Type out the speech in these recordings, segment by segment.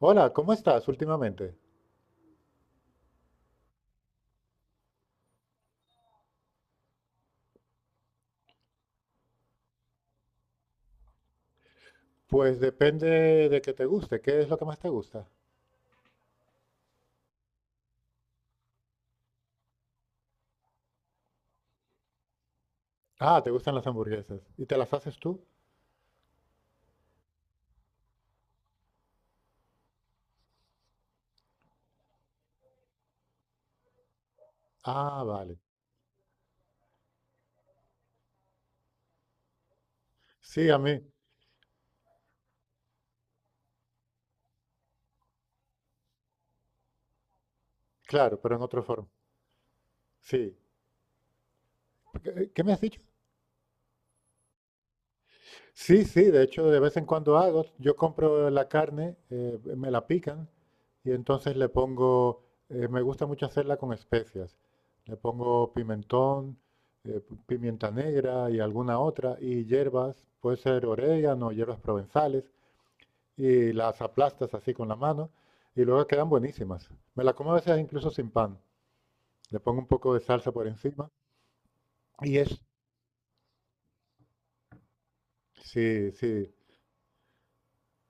Hola, ¿cómo estás últimamente? Pues depende de que te guste. ¿Qué es lo que más te gusta? Ah, te gustan las hamburguesas. ¿Y te las haces tú? Ah, vale. Sí, a mí. Claro, pero en otra forma. Sí. ¿Qué, qué me has dicho? Sí, sí, de hecho, de vez en cuando hago. Yo compro la carne, me la pican y entonces le pongo, me gusta mucho hacerla con especias. Le pongo pimentón, pimienta negra y alguna otra, y hierbas, puede ser orégano, hierbas provenzales. Y las aplastas así con la mano y luego quedan buenísimas. Me la como a veces incluso sin pan. Le pongo un poco de salsa por encima y es, sí, sí,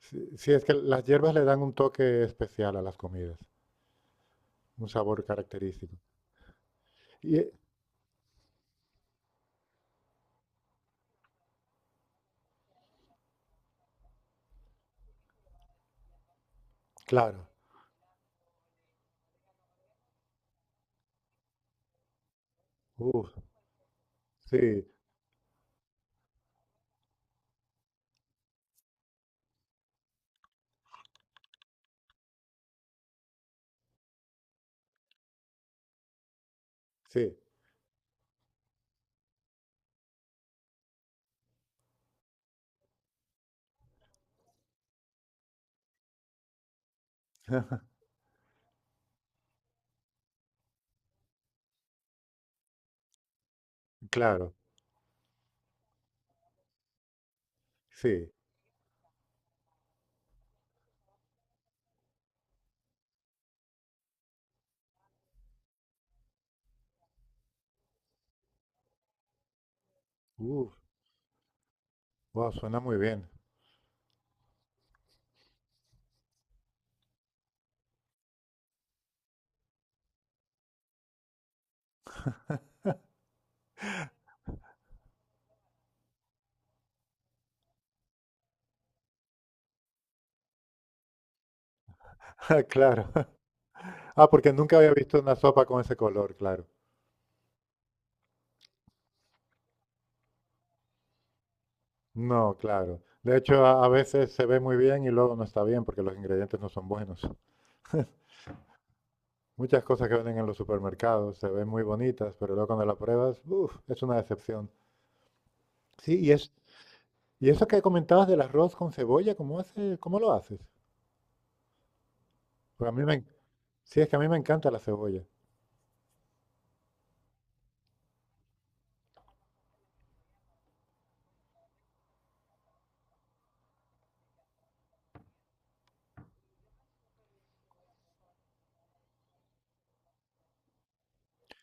sí, sí, es que las hierbas le dan un toque especial a las comidas, un sabor característico. Y claro, uff, sí, sí, claro, sí, uff, wow, suena muy bien. Claro. Ah, porque nunca había visto una sopa con ese color, claro. No, claro. De hecho, a veces se ve muy bien y luego no está bien porque los ingredientes no son buenos. Muchas cosas que venden en los supermercados se ven muy bonitas, pero luego cuando las pruebas, uf, es una decepción. Sí, y es y eso que comentabas del arroz con cebolla, ¿cómo hace, cómo lo haces? Porque a mí me, sí, es que a mí me encanta la cebolla.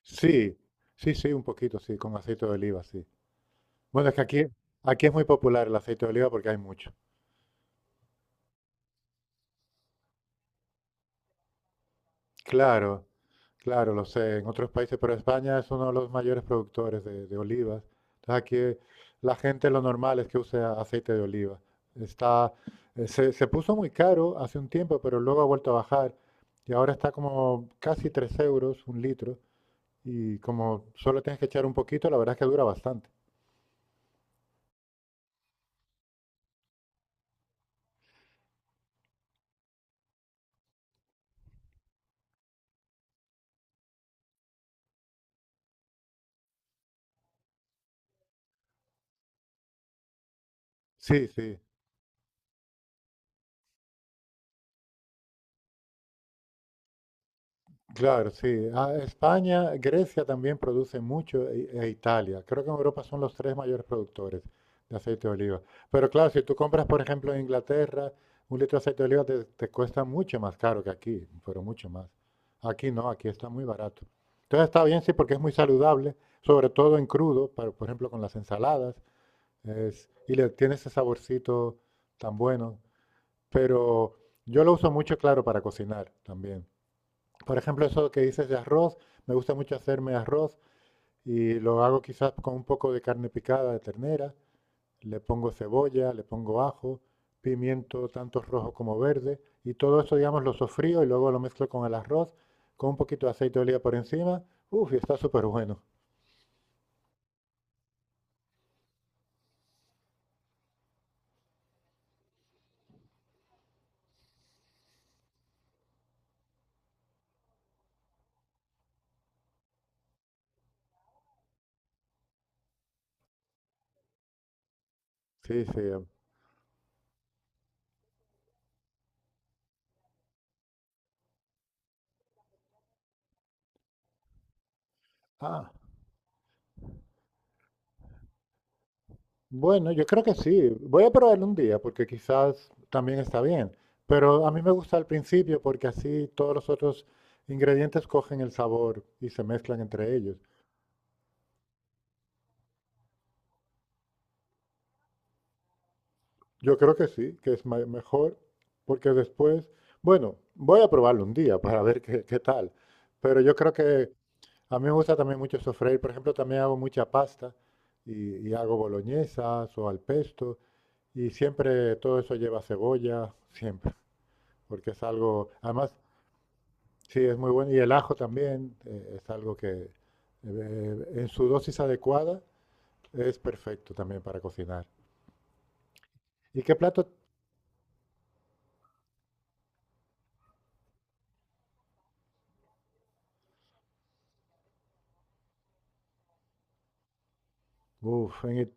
Sí, sí, sí, un poquito, sí, con aceite de oliva, sí. Bueno, es que aquí es muy popular el aceite de oliva porque hay mucho. Claro. Claro, lo sé, en otros países, pero España es uno de los mayores productores de olivas. Entonces aquí la gente lo normal es que use aceite de oliva. Está, se puso muy caro hace un tiempo, pero luego ha vuelto a bajar y ahora está como casi 3 euros un litro y como solo tienes que echar un poquito, la verdad es que dura bastante. Sí, sí. Claro, sí. Ah, España, Grecia también produce mucho e Italia. Creo que en Europa son los tres mayores productores de aceite de oliva. Pero claro, si tú compras, por ejemplo, en Inglaterra, un litro de aceite de oliva te cuesta mucho más caro que aquí, pero mucho más. Aquí no, aquí está muy barato. Entonces está bien, sí, porque es muy saludable, sobre todo en crudo, por ejemplo, con las ensaladas, y le tiene ese saborcito tan bueno. Pero yo lo uso mucho, claro, para cocinar también. Por ejemplo, eso que dices de arroz, me gusta mucho hacerme arroz y lo hago quizás con un poco de carne picada de ternera, le pongo cebolla, le pongo ajo, pimiento tanto rojo como verde y todo eso, digamos, lo sofrío y luego lo mezclo con el arroz, con un poquito de aceite de oliva por encima. Uf, y está súper bueno. Sí, sí. Ah, bueno, yo creo que sí. Voy a probarlo un día porque quizás también está bien. Pero a mí me gusta al principio porque así todos los otros ingredientes cogen el sabor y se mezclan entre ellos. Yo creo que sí, que es mejor porque después, bueno, voy a probarlo un día para ver qué, qué tal. Pero yo creo que a mí me gusta también mucho sofreír. Por ejemplo, también hago mucha pasta y hago boloñesas o al pesto y siempre todo eso lleva cebolla, siempre porque es algo, además sí, es muy bueno. Y el ajo también es algo que en su dosis adecuada es perfecto también para cocinar. ¿Y qué plato? Uf,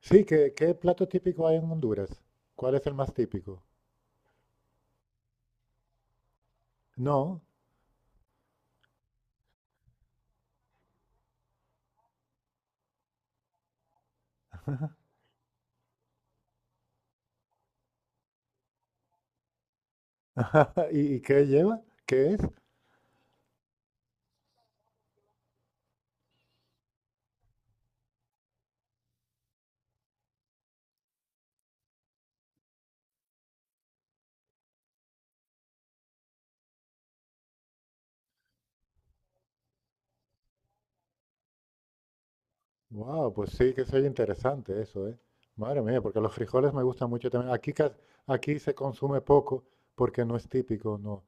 sí, ¿qué, qué plato típico hay en Honduras? ¿Cuál es el más típico? No. ¿Y, y qué lleva? ¿Qué es? Wow, pues sí que soy interesante eso, ¿eh? Madre mía, porque los frijoles me gustan mucho también. Aquí se consume poco porque no es típico, no.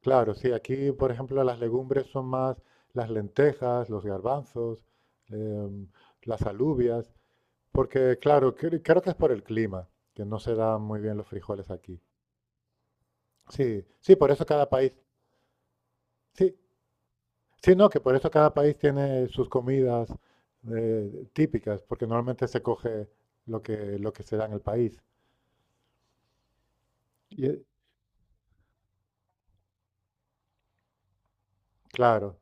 Claro, sí, aquí, por ejemplo, las legumbres son más las lentejas, los garbanzos, em, las alubias, porque, claro, creo que es por el clima, que no se dan muy bien los frijoles aquí. Sí, sí, por eso cada país, sí, sí, no, que por eso cada país tiene sus comidas típicas, porque normalmente se coge lo que se da en el país. Y, claro,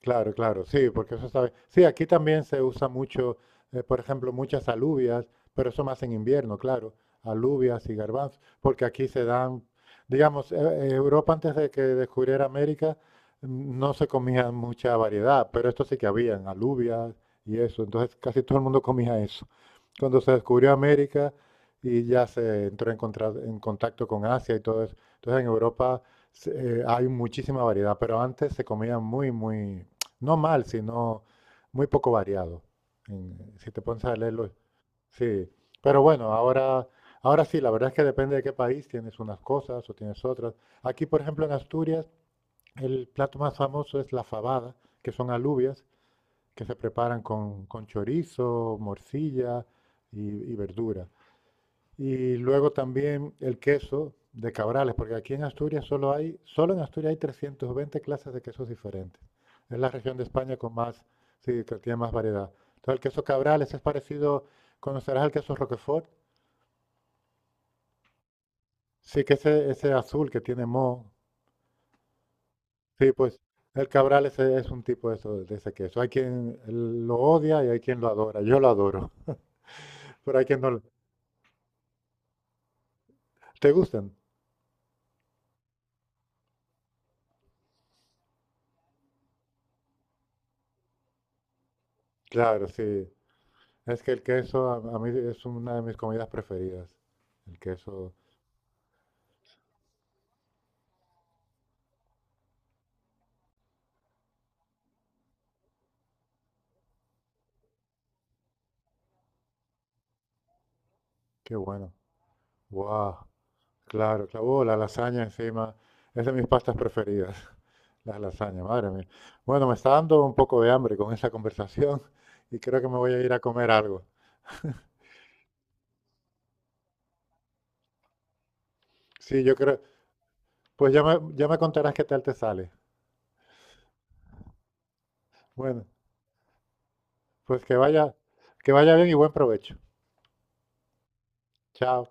claro, claro, sí, porque eso sabe. Sí, aquí también se usa mucho, por ejemplo, muchas alubias, pero eso más en invierno, claro, alubias y garbanzos, porque aquí se dan, digamos, Europa antes de que descubriera América, mm, no se comía mucha variedad, pero esto sí que habían alubias y eso, entonces casi todo el mundo comía eso. Cuando se descubrió América y ya se entró en contacto con Asia y todo eso. Entonces en Europa hay muchísima variedad, pero antes se comía muy, muy, no mal, sino muy poco variado. Si te pones a leerlo, sí. Pero bueno, ahora, ahora sí, la verdad es que depende de qué país, tienes unas cosas o tienes otras. Aquí, por ejemplo, en Asturias, el plato más famoso es la fabada, que son alubias que se preparan con chorizo, morcilla y verdura. Y luego también el queso de Cabrales, porque aquí en Asturias solo en Asturias hay 320 clases de quesos diferentes. Es la región de España con más, sí, que tiene más variedad. Entonces el queso Cabrales es parecido, ¿conocerás el queso Roquefort? Sí, que ese azul que tiene moho. Sí, pues el Cabrales es un tipo de, de ese queso. Hay quien lo odia y hay quien lo adora. Yo lo adoro, pero hay quien no lo... ¿Te gustan? Claro, sí. Es que el queso a mí es una de mis comidas preferidas. El queso, qué bueno. Wow. Claro, claro. Oh, la lasaña encima. Es de mis pastas preferidas, las lasañas, madre mía. Bueno, me está dando un poco de hambre con esa conversación y creo que me voy a ir a comer algo. Sí, yo creo. Pues ya me contarás qué tal te sale. Bueno, pues que vaya bien y buen provecho. Chao.